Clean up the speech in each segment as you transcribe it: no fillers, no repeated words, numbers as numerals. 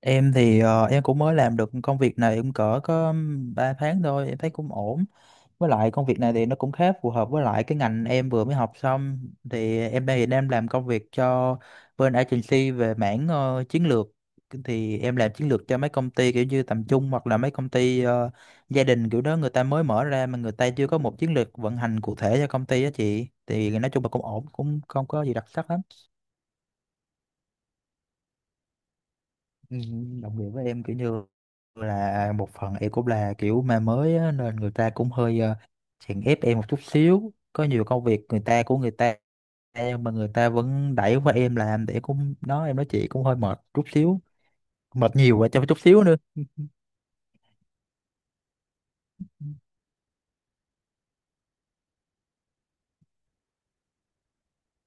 Em thì em cũng mới làm được công việc này cũng cỡ có 3 tháng thôi, em thấy cũng ổn. Với lại công việc này thì nó cũng khá phù hợp với lại cái ngành em vừa mới học xong. Thì em đây thì em làm công việc cho bên agency về mảng chiến lược. Thì em làm chiến lược cho mấy công ty kiểu như tầm trung hoặc là mấy công ty gia đình kiểu đó người ta mới mở ra mà người ta chưa có một chiến lược vận hành cụ thể cho công ty á chị. Thì nói chung là cũng ổn, cũng không có gì đặc sắc lắm. Ừ, đồng nghĩa với em kiểu như là một phần em cũng là kiểu ma mới á, nên người ta cũng hơi chèn ép em một chút xíu, có nhiều công việc người ta của người ta em mà người ta vẫn đẩy qua em làm, để cũng đó em nói chị cũng hơi mệt chút xíu, mệt nhiều và cho chút xíu nữa.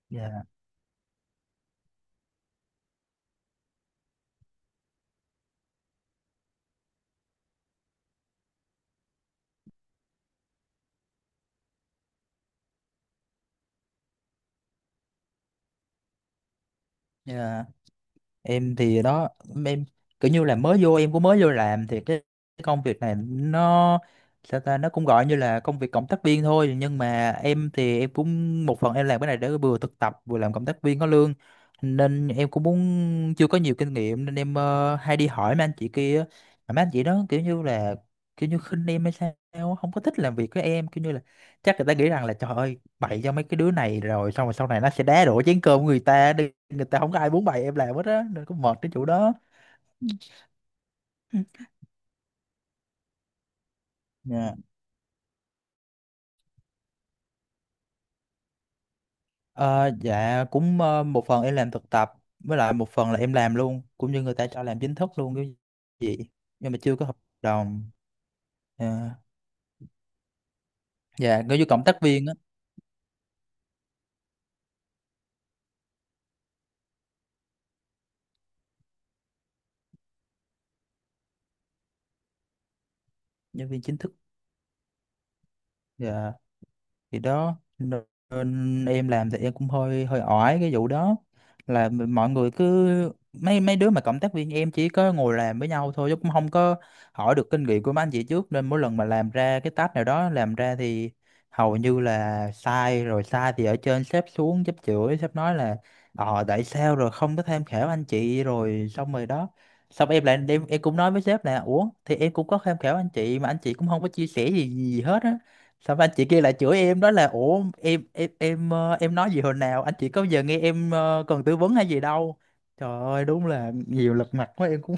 Dạ. Dạ, em thì đó, em kiểu như là mới vô, em cũng mới vô làm thì cái công việc này nó, sao ta, nó cũng gọi như là công việc cộng tác viên thôi, nhưng mà em thì em cũng một phần em làm cái này để vừa thực tập vừa làm cộng tác viên có lương, nên em cũng muốn, chưa có nhiều kinh nghiệm nên em hay đi hỏi mấy anh chị kia á. Mà mấy anh chị đó kiểu như là kiểu như khinh em hay sao á, không có thích làm việc với em, kiểu như là chắc người ta nghĩ rằng là trời ơi, bày cho mấy cái đứa này rồi xong rồi sau này nó sẽ đá đổ chén cơm của người ta đi, người ta không có ai muốn bày em làm hết á, nên cũng mệt cái chỗ đó. Dạ. Ờ, dạ cũng, một phần em làm thực tập, với lại một phần là em làm luôn, cũng như người ta cho làm chính thức luôn cái gì, nhưng mà chưa có hợp đồng. Dạ, dạ, có như cộng tác viên á. Nhân viên chính thức, dạ, thì đó nên em làm thì em cũng hơi hơi oải cái vụ đó, là mọi người cứ mấy mấy đứa mà cộng tác viên em chỉ có ngồi làm với nhau thôi chứ cũng không có hỏi được kinh nghiệm của mấy anh chị trước, nên mỗi lần mà làm ra cái task nào đó làm ra thì hầu như là sai, rồi sai thì ở trên sếp xuống, sếp chửi, sếp nói là ờ tại sao rồi không có tham khảo anh chị, rồi xong rồi đó, xong em lại em cũng nói với sếp là ủa thì em cũng có tham khảo anh chị mà anh chị cũng không có chia sẻ gì gì hết á, sao anh chị kia lại chửi em, đó là ủa em em nói gì hồi nào, anh chị có giờ nghe em cần tư vấn hay gì đâu, trời ơi đúng là nhiều lật mặt quá, em cũng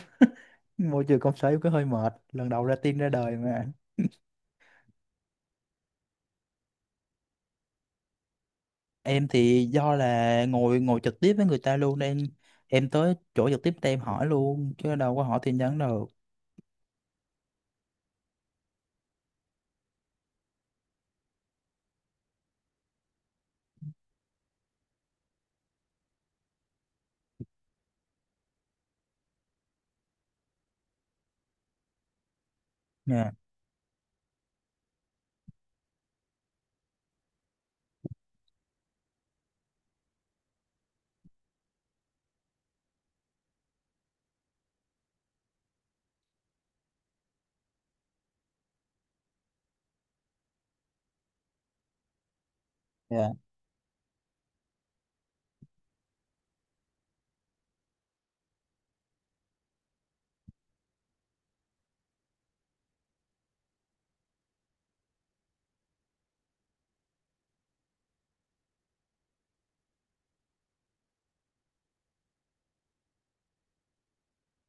môi trường công sở em cũng hơi mệt, lần đầu ra tin ra đời mà. Em thì do là ngồi ngồi trực tiếp với người ta luôn nên em tới chỗ trực tiếp thì em hỏi luôn chứ đâu có hỏi tin nhắn đâu nha. Dạ.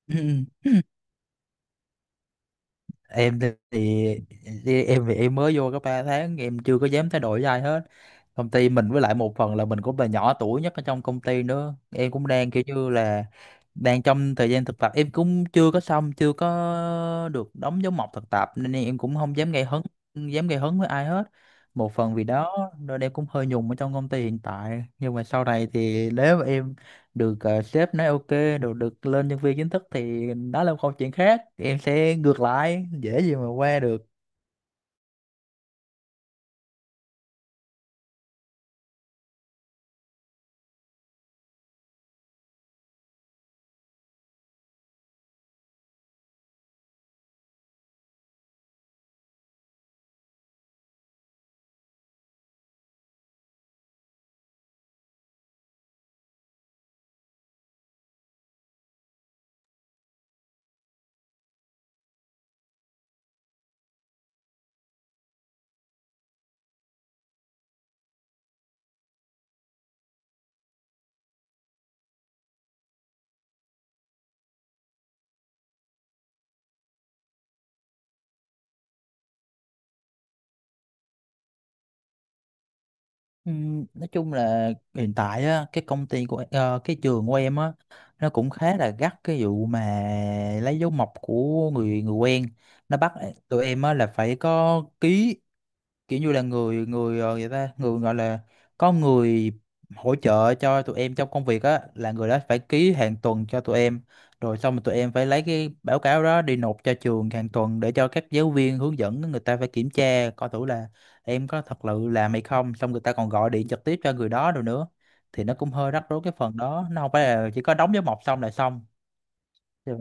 Em thì em mới vô có 3 tháng, em chưa có dám thay đổi gì ai hết công ty mình, với lại một phần là mình cũng là nhỏ tuổi nhất ở trong công ty nữa, em cũng đang kiểu như là đang trong thời gian thực tập, em cũng chưa có xong, chưa có được đóng dấu mộc thực tập, nên em cũng không dám gây hấn, với ai hết. Một phần vì đó nên em cũng hơi nhùng ở trong công ty hiện tại, nhưng mà sau này thì nếu mà em được sếp nói ok, được được lên nhân viên chính thức thì đó là một câu chuyện khác, em sẽ ngược lại dễ gì mà qua được. Nói chung là hiện tại á, cái công ty của cái trường của em á nó cũng khá là gắt cái vụ mà lấy dấu mộc của người người quen, nó bắt tụi em á là phải có ký kiểu như là người người người ta người gọi là có người hỗ trợ cho tụi em trong công việc á, là người đó phải ký hàng tuần cho tụi em, rồi xong rồi tụi em phải lấy cái báo cáo đó đi nộp cho trường hàng tuần để cho các giáo viên hướng dẫn người ta phải kiểm tra coi thử là em có thật sự làm hay không, xong người ta còn gọi điện trực tiếp cho người đó rồi nữa, thì nó cũng hơi rắc rối cái phần đó, nó không phải là chỉ có đóng dấu mộc xong là xong. Dạ.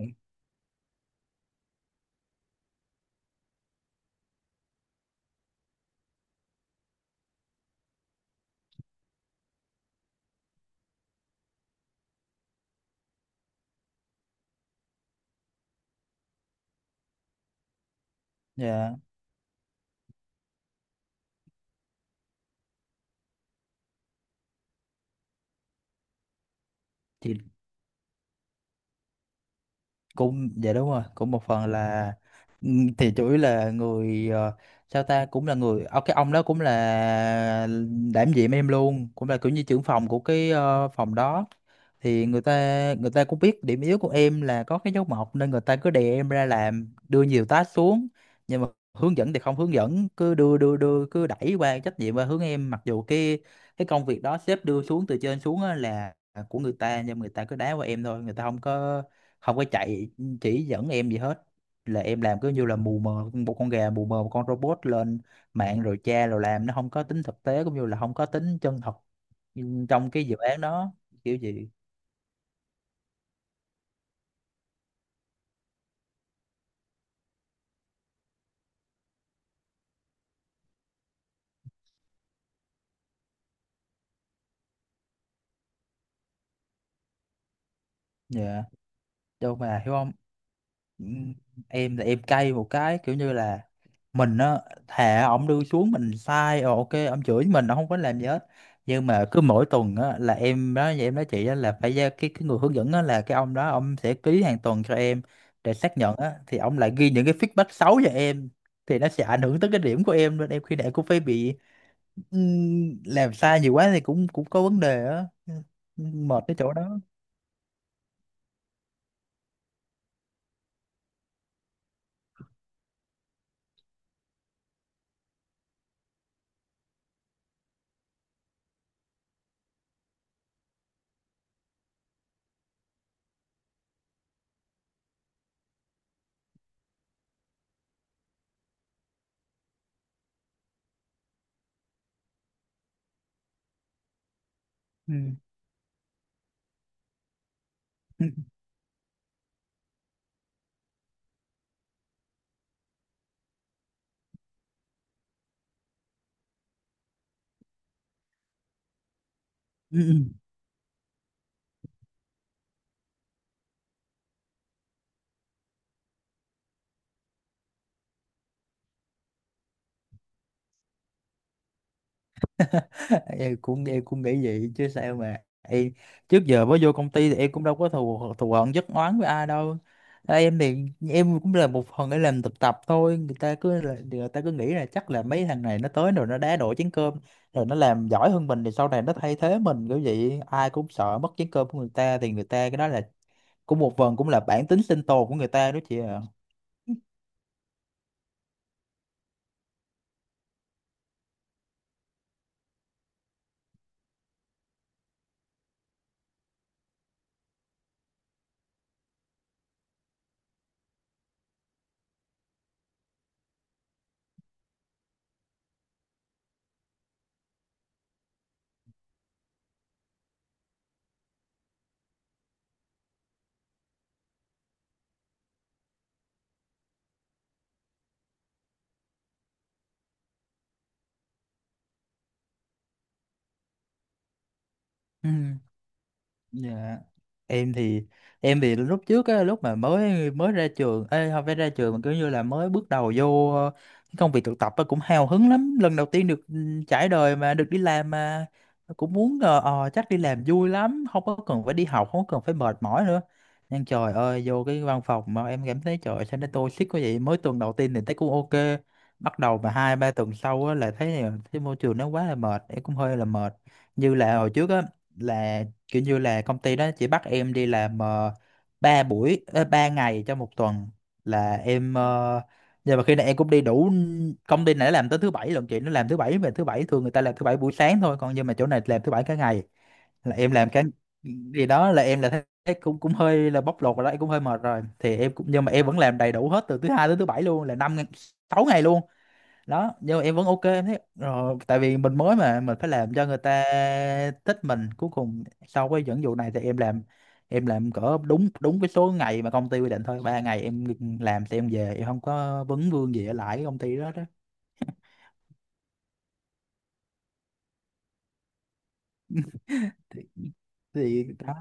Dạ. Thì cũng, dạ đúng rồi, cũng một phần là, ừ, thì chủ yếu là người, sao ta, cũng là người, cái ông đó cũng là đảm nhiệm em luôn, cũng là kiểu như trưởng phòng của cái phòng đó, thì người ta, người ta cũng biết điểm yếu của em là có cái dấu mộc, nên người ta cứ đè em ra làm, đưa nhiều task xuống, nhưng mà hướng dẫn thì không hướng dẫn, cứ đưa đưa đưa cứ đẩy qua trách nhiệm qua hướng em, mặc dù cái công việc đó sếp đưa xuống từ trên xuống á là của người ta, nhưng mà người ta cứ đá qua em thôi, người ta không có, không có chạy, chỉ dẫn em gì hết, là em làm cứ như là mù mờ một con gà, mù mờ một con robot lên mạng rồi tra rồi làm, nó không có tính thực tế cũng như là không có tính chân thật trong cái dự án đó, kiểu gì dạ đâu mà hiểu không. Ừm, em là em cay một cái kiểu như là mình á, thà ổng đưa xuống mình sai rồi ok ổng chửi mình, ổng không có làm gì hết, nhưng mà cứ mỗi tuần á là em đó em nói chị á là phải ra cái người hướng dẫn á, là cái ông đó ông sẽ ký hàng tuần cho em để xác nhận á, thì ông lại ghi những cái feedback xấu cho em, thì nó sẽ ảnh hưởng tới cái điểm của em, nên em khi nào cũng phải bị làm sai nhiều quá thì cũng cũng có vấn đề á. Ừ, mệt cái chỗ đó. Ừ. Em cũng, em cũng nghĩ vậy chứ sao mà em trước giờ mới vô công ty thì em cũng đâu có thù thù hận giấc oán với ai đâu. Ờ, em thì em cũng là một phần để làm thực tập thôi, người ta người ta cứ nghĩ là chắc là mấy thằng này nó tới rồi nó đá đổ chén cơm rồi nó làm giỏi hơn mình thì sau này nó thay thế mình kiểu vậy, ai cũng sợ mất chén cơm của người ta, thì người ta cái đó là cũng một phần cũng là bản tính sinh tồn của người ta đó chị ạ. Ừ. Dạ. Em thì, em thì lúc trước á, lúc mà mới mới ra trường, ê, không phải ra trường mà kiểu như là mới bước đầu vô cái công việc thực tập á, cũng hào hứng lắm. Lần đầu tiên được ừ, trải đời mà được đi làm mà cũng muốn chắc đi làm vui lắm, không có cần phải đi học, không có cần phải mệt mỏi nữa. Nhưng trời ơi vô cái văn phòng mà em cảm thấy trời sao nó toxic quá vậy. Mới tuần đầu tiên thì thấy cũng ok, bắt đầu mà hai ba tuần sau á, là thấy thấy môi trường nó quá là mệt, em cũng hơi là mệt. Như là hồi trước á là kiểu như là công ty đó chỉ bắt em đi làm 3 buổi 3 ngày trong một tuần là em nhưng mà khi này em cũng đi đủ. Công ty này nó làm tới thứ bảy lận chị, nó làm thứ bảy, về thứ bảy thường người ta làm thứ bảy buổi sáng thôi, còn nhưng mà chỗ này làm thứ bảy cả ngày, là em làm cái gì đó, là em là thấy thấy cũng cũng hơi là bóc lột rồi đó, em cũng hơi mệt rồi, thì em cũng, nhưng mà em vẫn làm đầy đủ hết từ thứ hai tới thứ bảy luôn, là 5 ngày- 6 ngày luôn đó, nhưng mà em vẫn ok em thấy, rồi tại vì mình mới mà mình phải làm cho người ta thích mình, cuối cùng sau cái dẫn dụ này thì em làm, em làm cỡ đúng đúng cái số ngày mà công ty quy định thôi, 3 ngày em ngừng làm thì em về, em không có vấn vương gì ở lại cái công ty đó đó. thì, thì đó.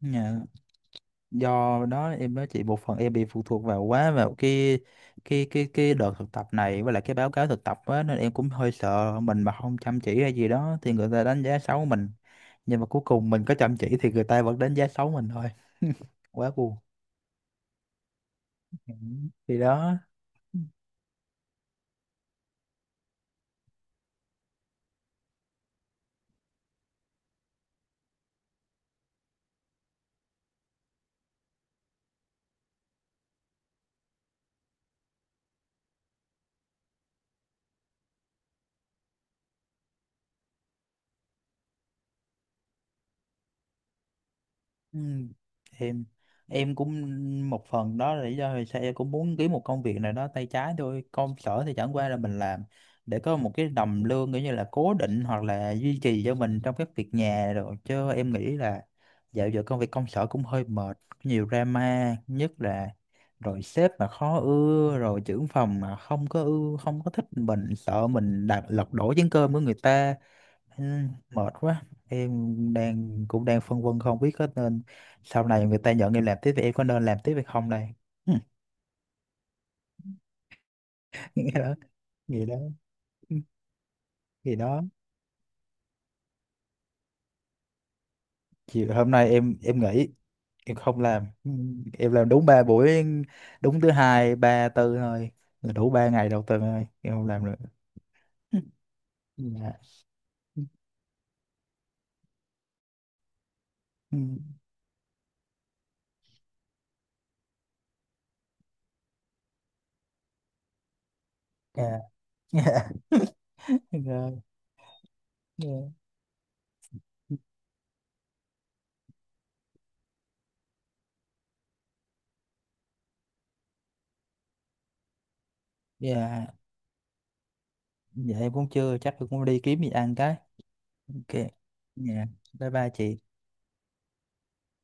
Dạ. Do đó em nói chị một phần em bị phụ thuộc vào quá vào cái đợt thực tập này với lại cái báo cáo thực tập á, nên em cũng hơi sợ mình mà không chăm chỉ hay gì đó thì người ta đánh giá xấu mình, nhưng mà cuối cùng mình có chăm chỉ thì người ta vẫn đánh giá xấu mình thôi. Quá buồn. Ừ. Thì đó. Ừ. em em cũng, một phần đó là lý do vì sao em cũng muốn kiếm một công việc nào đó tay trái thôi, công sở thì chẳng qua là mình làm để có một cái đồng lương kiểu như là cố định hoặc là duy trì cho mình trong các việc nhà rồi, chứ em nghĩ là dạo giờ công việc công sở cũng hơi mệt, nhiều drama, nhất là rồi sếp mà khó ưa, rồi trưởng phòng mà không có ưa, không có thích mình, sợ mình đặt lật đổ chén cơm của người ta. Ừ, mệt quá, em đang cũng đang phân vân không biết có nên, sau này người ta nhận em làm tiếp thì em có nên làm tiếp hay không đây. Nghĩ đó. Nghĩ đó. Nghĩ đó. Chiều hôm nay em nghỉ, em không làm. Ừ, em làm đúng 3 buổi, đúng thứ hai ba tư thôi, là đủ 3 ngày đầu tuần thôi, em không làm nữa. Dạ. Ừ, dạ. Rồi. Dạ. Dạ. Dạ em cũng chưa, chắc em cũng đi kiếm gì ăn cái. Ok. Dạ. Bye bye chị.